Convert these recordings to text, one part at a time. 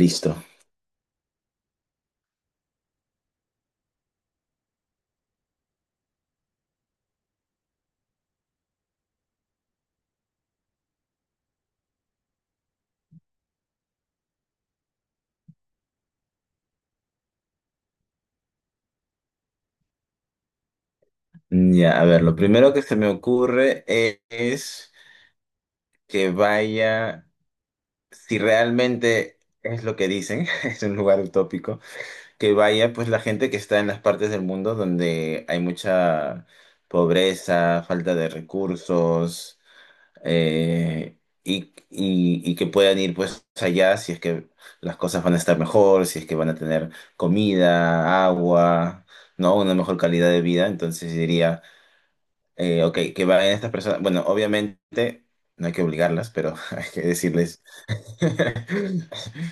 Listo. Ya, a ver, lo primero que se me ocurre es, que vaya, si realmente es lo que dicen, es un lugar utópico, que vaya pues la gente que está en las partes del mundo donde hay mucha pobreza, falta de recursos, y que puedan ir pues allá si es que las cosas van a estar mejor, si es que van a tener comida, agua, ¿no? Una mejor calidad de vida, entonces diría ok, que vayan estas personas. Bueno, obviamente no hay que obligarlas, pero hay que decirles.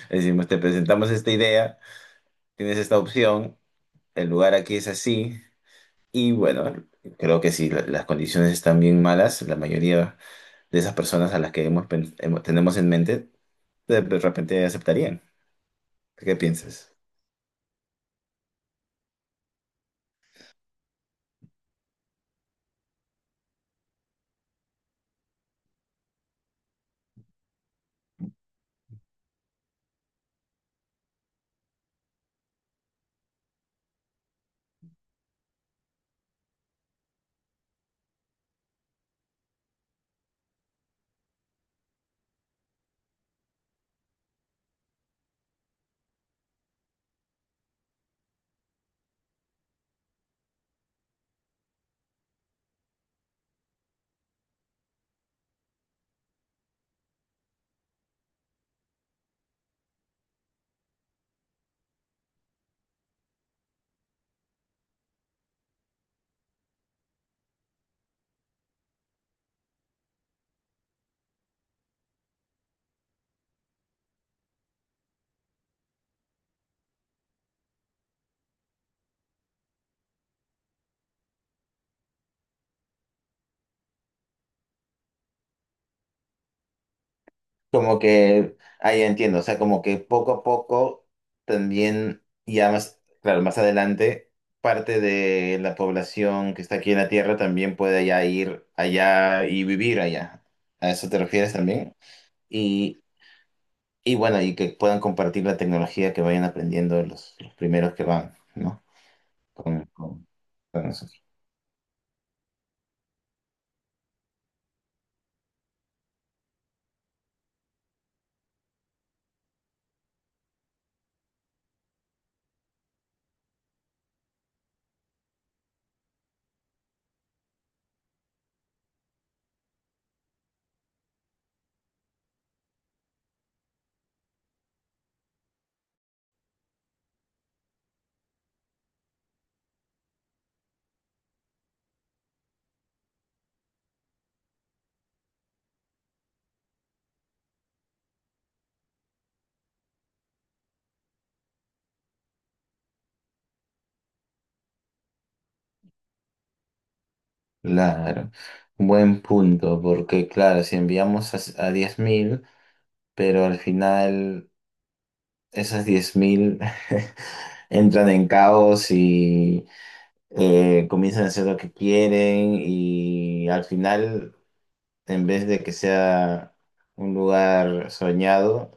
Decimos, te presentamos esta idea, tienes esta opción, el lugar aquí es así, y bueno, creo que si las condiciones están bien malas, la mayoría de esas personas a las que tenemos en mente, de repente aceptarían. ¿Qué piensas? Como que, ahí entiendo, o sea, como que poco a poco también, ya más, claro, más adelante, parte de la población que está aquí en la Tierra también puede ya ir allá y vivir allá. ¿A eso te refieres también? Y, y bueno, y que puedan compartir la tecnología que vayan aprendiendo los primeros que van, ¿no? Con, con- con nosotros. Claro, buen punto, porque claro, si enviamos a 10.000, pero al final, esas 10.000 entran en caos y comienzan a hacer lo que quieren y al final, en vez de que sea un lugar soñado,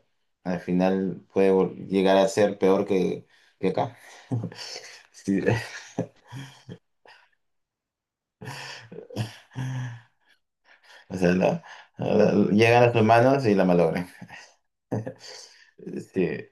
al final puede llegar a ser peor que acá. Sí. O sea, llegan los humanos y la malogran. Sí.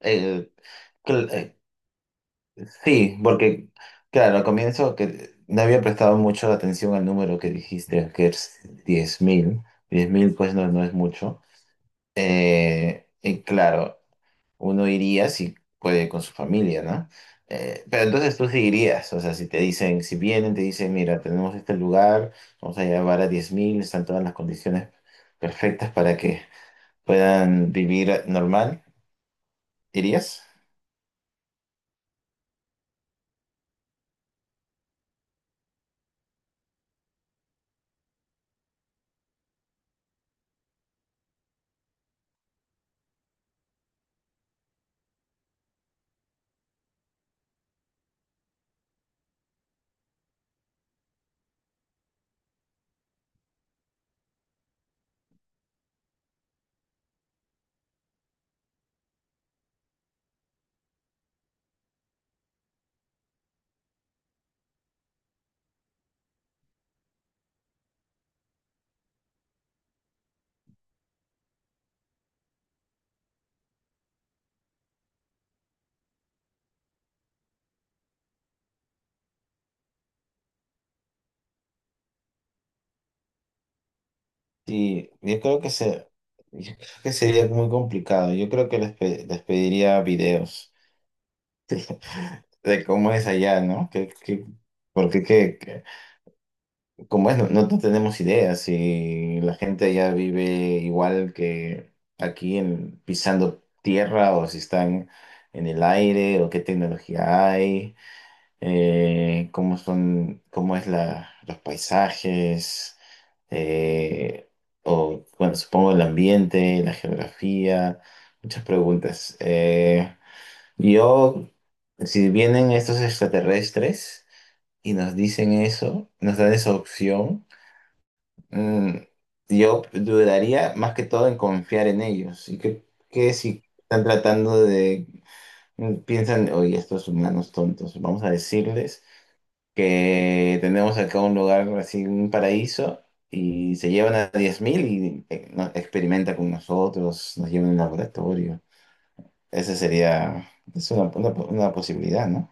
Eh, cl- eh, Sí, porque, claro, al comienzo que no había prestado mucho la atención al número que dijiste, que es 10.000, 10.000 pues no, no es mucho. Y claro, uno iría si puede con su familia, ¿no? Pero entonces tú sí irías, o sea, si te dicen, si vienen, te dicen, mira, tenemos este lugar, vamos a llevar a 10.000, están todas las condiciones perfectas para que puedan vivir normal, ¿irías? Sí, yo creo yo creo que sería muy complicado. Yo creo que les pediría videos de cómo es allá, ¿no? Que, porque que- como es, no, no tenemos ideas y la gente allá vive igual que aquí en, pisando tierra o si están en el aire o qué tecnología hay. Cómo son, cómo es los paisajes, eh, o bueno, supongo el ambiente, la geografía, muchas preguntas. Yo, si vienen estos extraterrestres y nos dicen eso, nos dan esa opción, mm, yo dudaría más que todo en confiar en ellos. ¿Y que si están tratando de... mm, piensan, oye, estos humanos tontos, vamos a decirles que tenemos acá un lugar así, un paraíso, y se llevan a 10.000 y experimenta con nosotros, nos llevan al laboratorio. Esa sería, es una posibilidad, ¿no?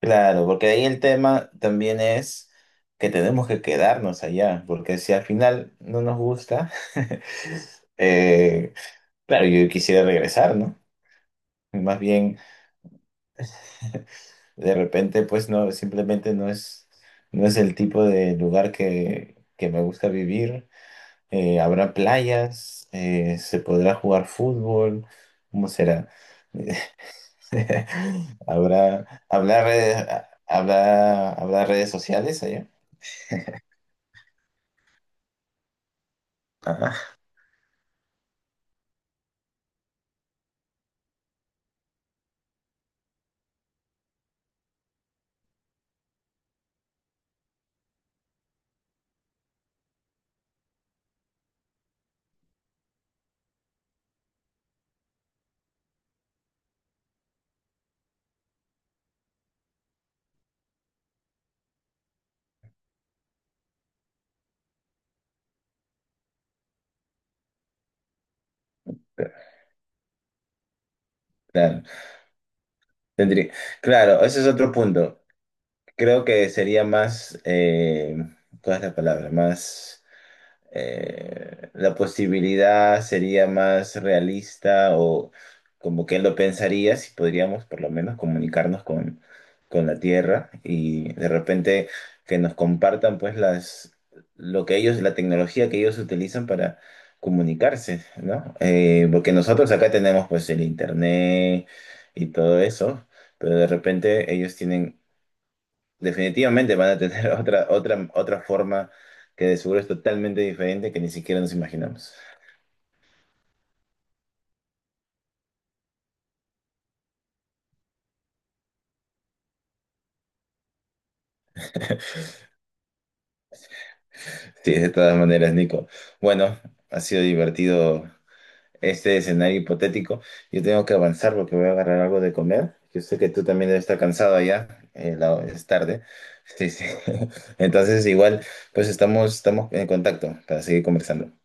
Claro, porque ahí el tema también es que tenemos que quedarnos allá, porque si al final no nos gusta, eh, claro, yo quisiera regresar, ¿no? Más bien, de repente, pues no, simplemente no es el tipo de lugar que me gusta vivir. ¿Habrá playas? ¿Se podrá jugar fútbol? ¿Cómo será? ¿Habrá, habrá redes, ¿habrá, habrá redes sociales allá? Ajá, claro, tendría, claro, ese es otro punto. Creo que sería más, ¿cuál es la palabra? Más... la posibilidad sería más realista o como que él lo pensaría si podríamos por lo menos comunicarnos con la Tierra y de repente que nos compartan pues las lo que ellos, la tecnología que ellos utilizan para comunicarse, ¿no? Porque nosotros acá tenemos pues el internet y todo eso, pero de repente ellos tienen, definitivamente van a tener otra forma que de seguro es totalmente diferente que ni siquiera nos imaginamos. Sí, de todas maneras, Nico. Bueno, ha sido divertido este escenario hipotético. Yo tengo que avanzar porque voy a agarrar algo de comer. Yo sé que tú también debes estar cansado allá, es tarde. Sí, sí. Entonces, igual, pues estamos en contacto para seguir conversando.